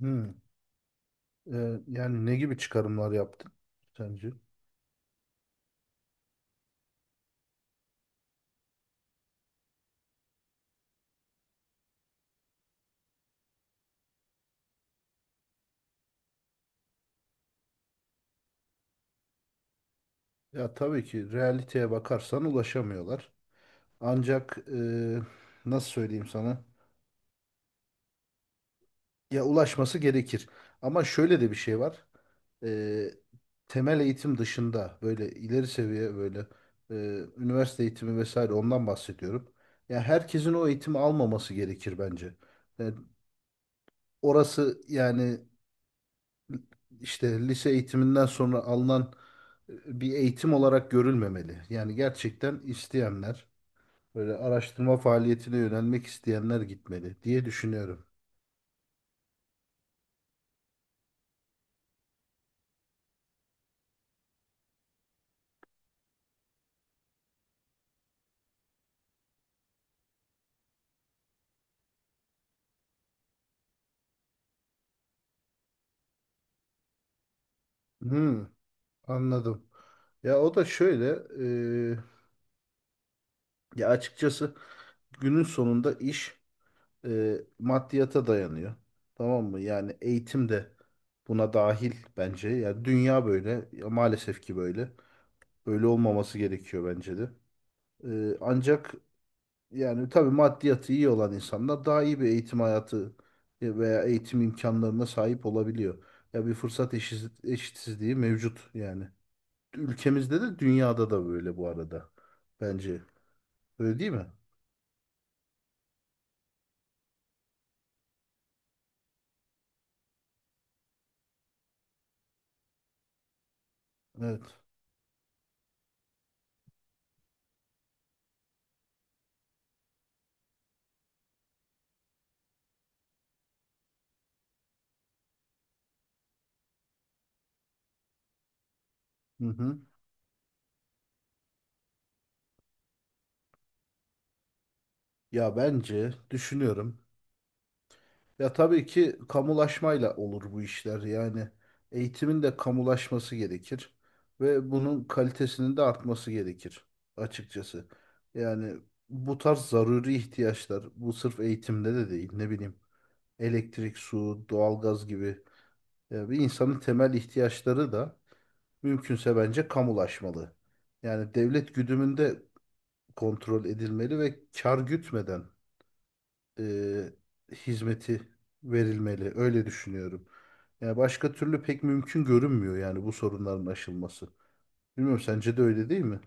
Hmm. Yani ne gibi çıkarımlar yaptın sence? Ya tabii ki realiteye bakarsan ulaşamıyorlar. Ancak nasıl söyleyeyim sana? Ya ulaşması gerekir. Ama şöyle de bir şey var. Ee, Temel eğitim dışında böyle ileri seviye böyle e, üniversite eğitimi vesaire ondan bahsediyorum. Ya herkesin o eğitimi almaması gerekir bence. Yani orası, yani işte lise eğitiminden sonra alınan bir eğitim olarak görülmemeli. Yani gerçekten isteyenler, böyle araştırma faaliyetine yönelmek isteyenler gitmeli diye düşünüyorum. Hmm, anladım. Ya o da şöyle, e, ya açıkçası günün sonunda iş maddiyata dayanıyor. Tamam mı? Yani eğitim de buna dahil bence. Ya dünya böyle, ya maalesef ki böyle. Böyle olmaması gerekiyor bence de. Ancak yani tabii maddiyatı iyi olan insanlar daha iyi bir eğitim hayatı veya eğitim imkanlarına sahip olabiliyor. Ya bir fırsat eşitsizliği mevcut yani. Ülkemizde de dünyada da böyle bu arada. Bence. Öyle değil mi? Evet. Hı hı. Ya bence düşünüyorum. Ya tabii ki kamulaşmayla olur bu işler. Yani eğitimin de kamulaşması gerekir ve bunun kalitesinin de artması gerekir açıkçası. Yani bu tarz zaruri ihtiyaçlar bu sırf eğitimde de değil, ne bileyim, elektrik, su, doğalgaz gibi bir insanın temel ihtiyaçları da mümkünse bence kamulaşmalı. Yani devlet güdümünde kontrol edilmeli ve kar gütmeden e, hizmeti verilmeli. Öyle düşünüyorum. Yani başka türlü pek mümkün görünmüyor yani, bu sorunların aşılması. Bilmiyorum, sence de öyle değil mi?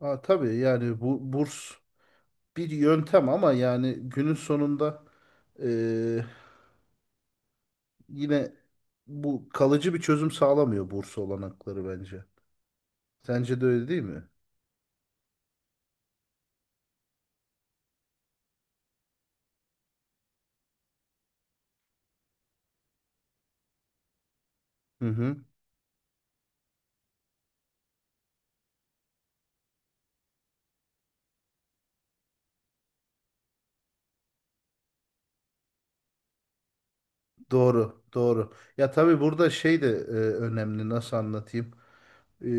Aa, tabii, yani bu burs bir yöntem ama yani günün sonunda e, yine bu kalıcı bir çözüm sağlamıyor burs olanakları bence. Sence de öyle değil mi? Hı hı. Doğru, doğru. Ya tabii burada şey de önemli. Nasıl anlatayım? E,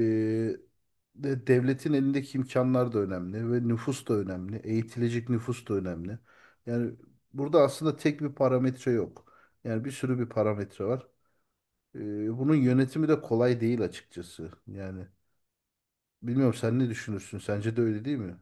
devletin elindeki imkanlar da önemli ve nüfus da önemli. Eğitilecek nüfus da önemli. Yani burada aslında tek bir parametre yok. Yani bir sürü bir parametre var. Bunun yönetimi de kolay değil açıkçası. Yani bilmiyorum, sen ne düşünürsün? Sence de öyle değil mi?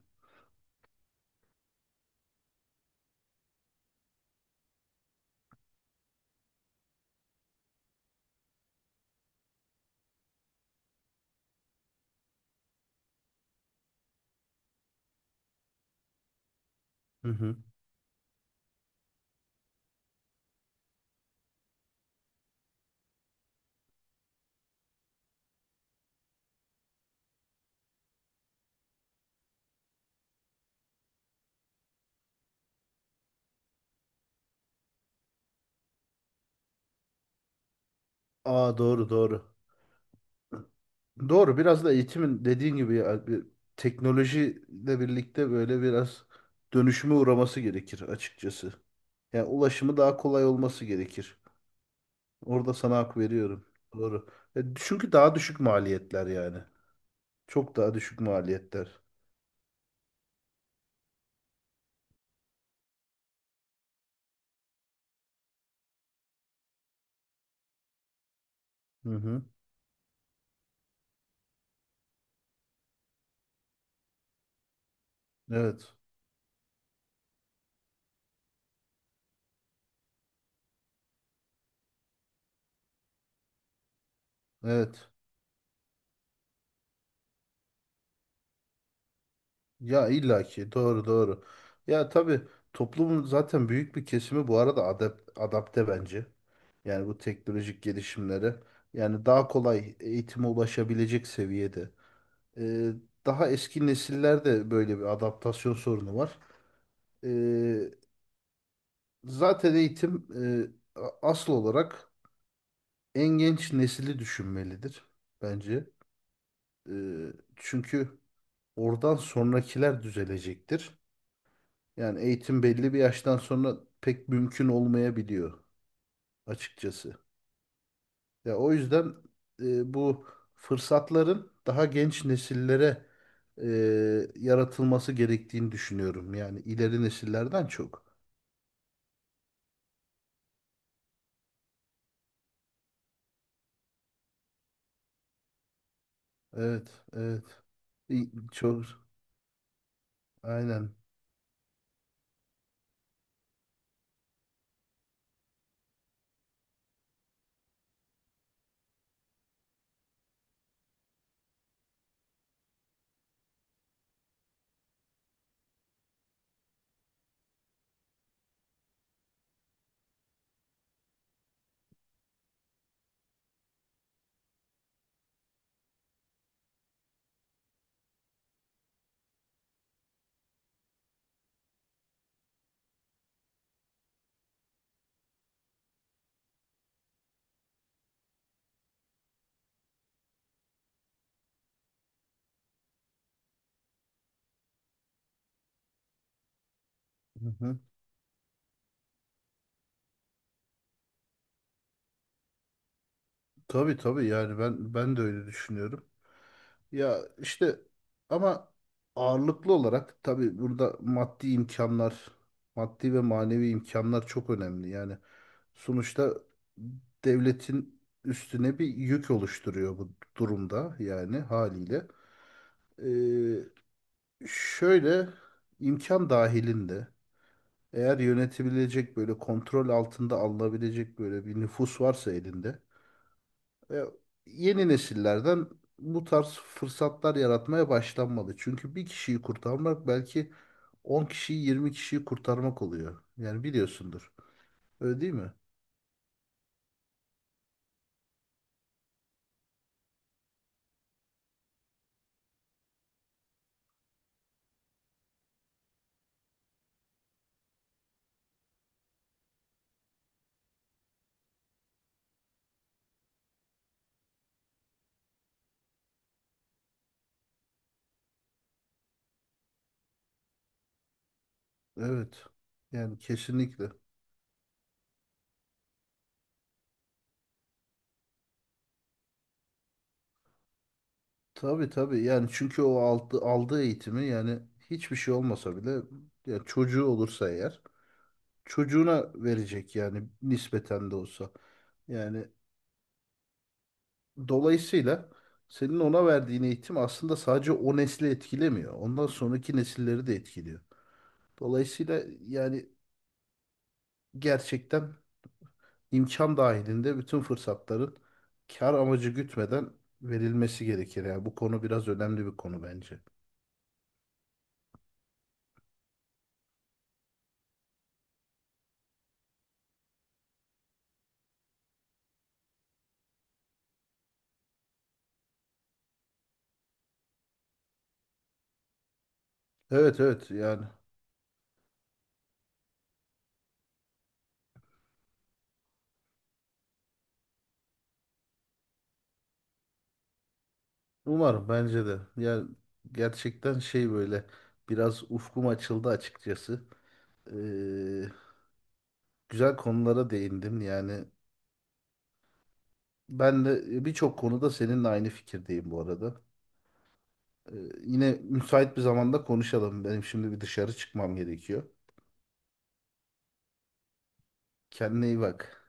Hı hı. Aa, doğru, doğru. Doğru, biraz da eğitimin dediğin gibi ya, bir teknolojiyle birlikte böyle biraz dönüşüme uğraması gerekir açıkçası. Yani ulaşımı daha kolay olması gerekir. Orada sana hak veriyorum. Doğru. Çünkü daha düşük maliyetler yani. Çok daha düşük maliyetler. Hı hı. Evet. Evet. Ya illaki doğru, doğru. Ya tabii toplumun zaten büyük bir kesimi bu arada adapte bence. Yani bu teknolojik gelişimleri, yani daha kolay eğitime ulaşabilecek seviyede. Ee, Daha eski nesillerde böyle bir adaptasyon sorunu var. Ee, Zaten eğitim asıl olarak en genç nesili düşünmelidir bence. Çünkü oradan sonrakiler düzelecektir. Yani eğitim belli bir yaştan sonra pek mümkün olmayabiliyor açıkçası. Ya o yüzden bu fırsatların daha genç nesillere e, yaratılması gerektiğini düşünüyorum. Yani ileri nesillerden çok. Evet, evet. Çok aynen. Hı hı. Tabii, tabii, yani ben de öyle düşünüyorum. Ya işte, ama ağırlıklı olarak tabii burada maddi imkanlar, maddi ve manevi imkanlar çok önemli. Yani sonuçta devletin üstüne bir yük oluşturuyor bu durumda yani, haliyle. Ee, Şöyle, imkan dahilinde eğer yönetebilecek, böyle kontrol altında alınabilecek böyle bir nüfus varsa elinde, e, yeni nesillerden bu tarz fırsatlar yaratmaya başlanmalı. Çünkü bir kişiyi kurtarmak belki 10 kişiyi, 20 kişiyi kurtarmak oluyor. Yani biliyorsundur. Öyle değil mi? Evet. Yani kesinlikle. Tabii, tabii, yani çünkü o aldığı eğitimi, yani hiçbir şey olmasa bile, yani çocuğu olursa eğer, çocuğuna verecek yani, nispeten de olsa. Yani dolayısıyla senin ona verdiğin eğitim aslında sadece o nesli etkilemiyor. Ondan sonraki nesilleri de etkiliyor. Dolayısıyla yani gerçekten imkan dahilinde bütün fırsatların kar amacı gütmeden verilmesi gerekir. Yani bu konu biraz önemli bir konu bence. Evet, evet, yani. Umarım, bence de. Yani gerçekten şey, böyle biraz ufkum açıldı açıkçası. Ee, Güzel konulara değindim. Yani ben de birçok konuda seninle aynı fikirdeyim bu arada. Ee, Yine müsait bir zamanda konuşalım. Benim şimdi bir dışarı çıkmam gerekiyor. Kendine iyi bak.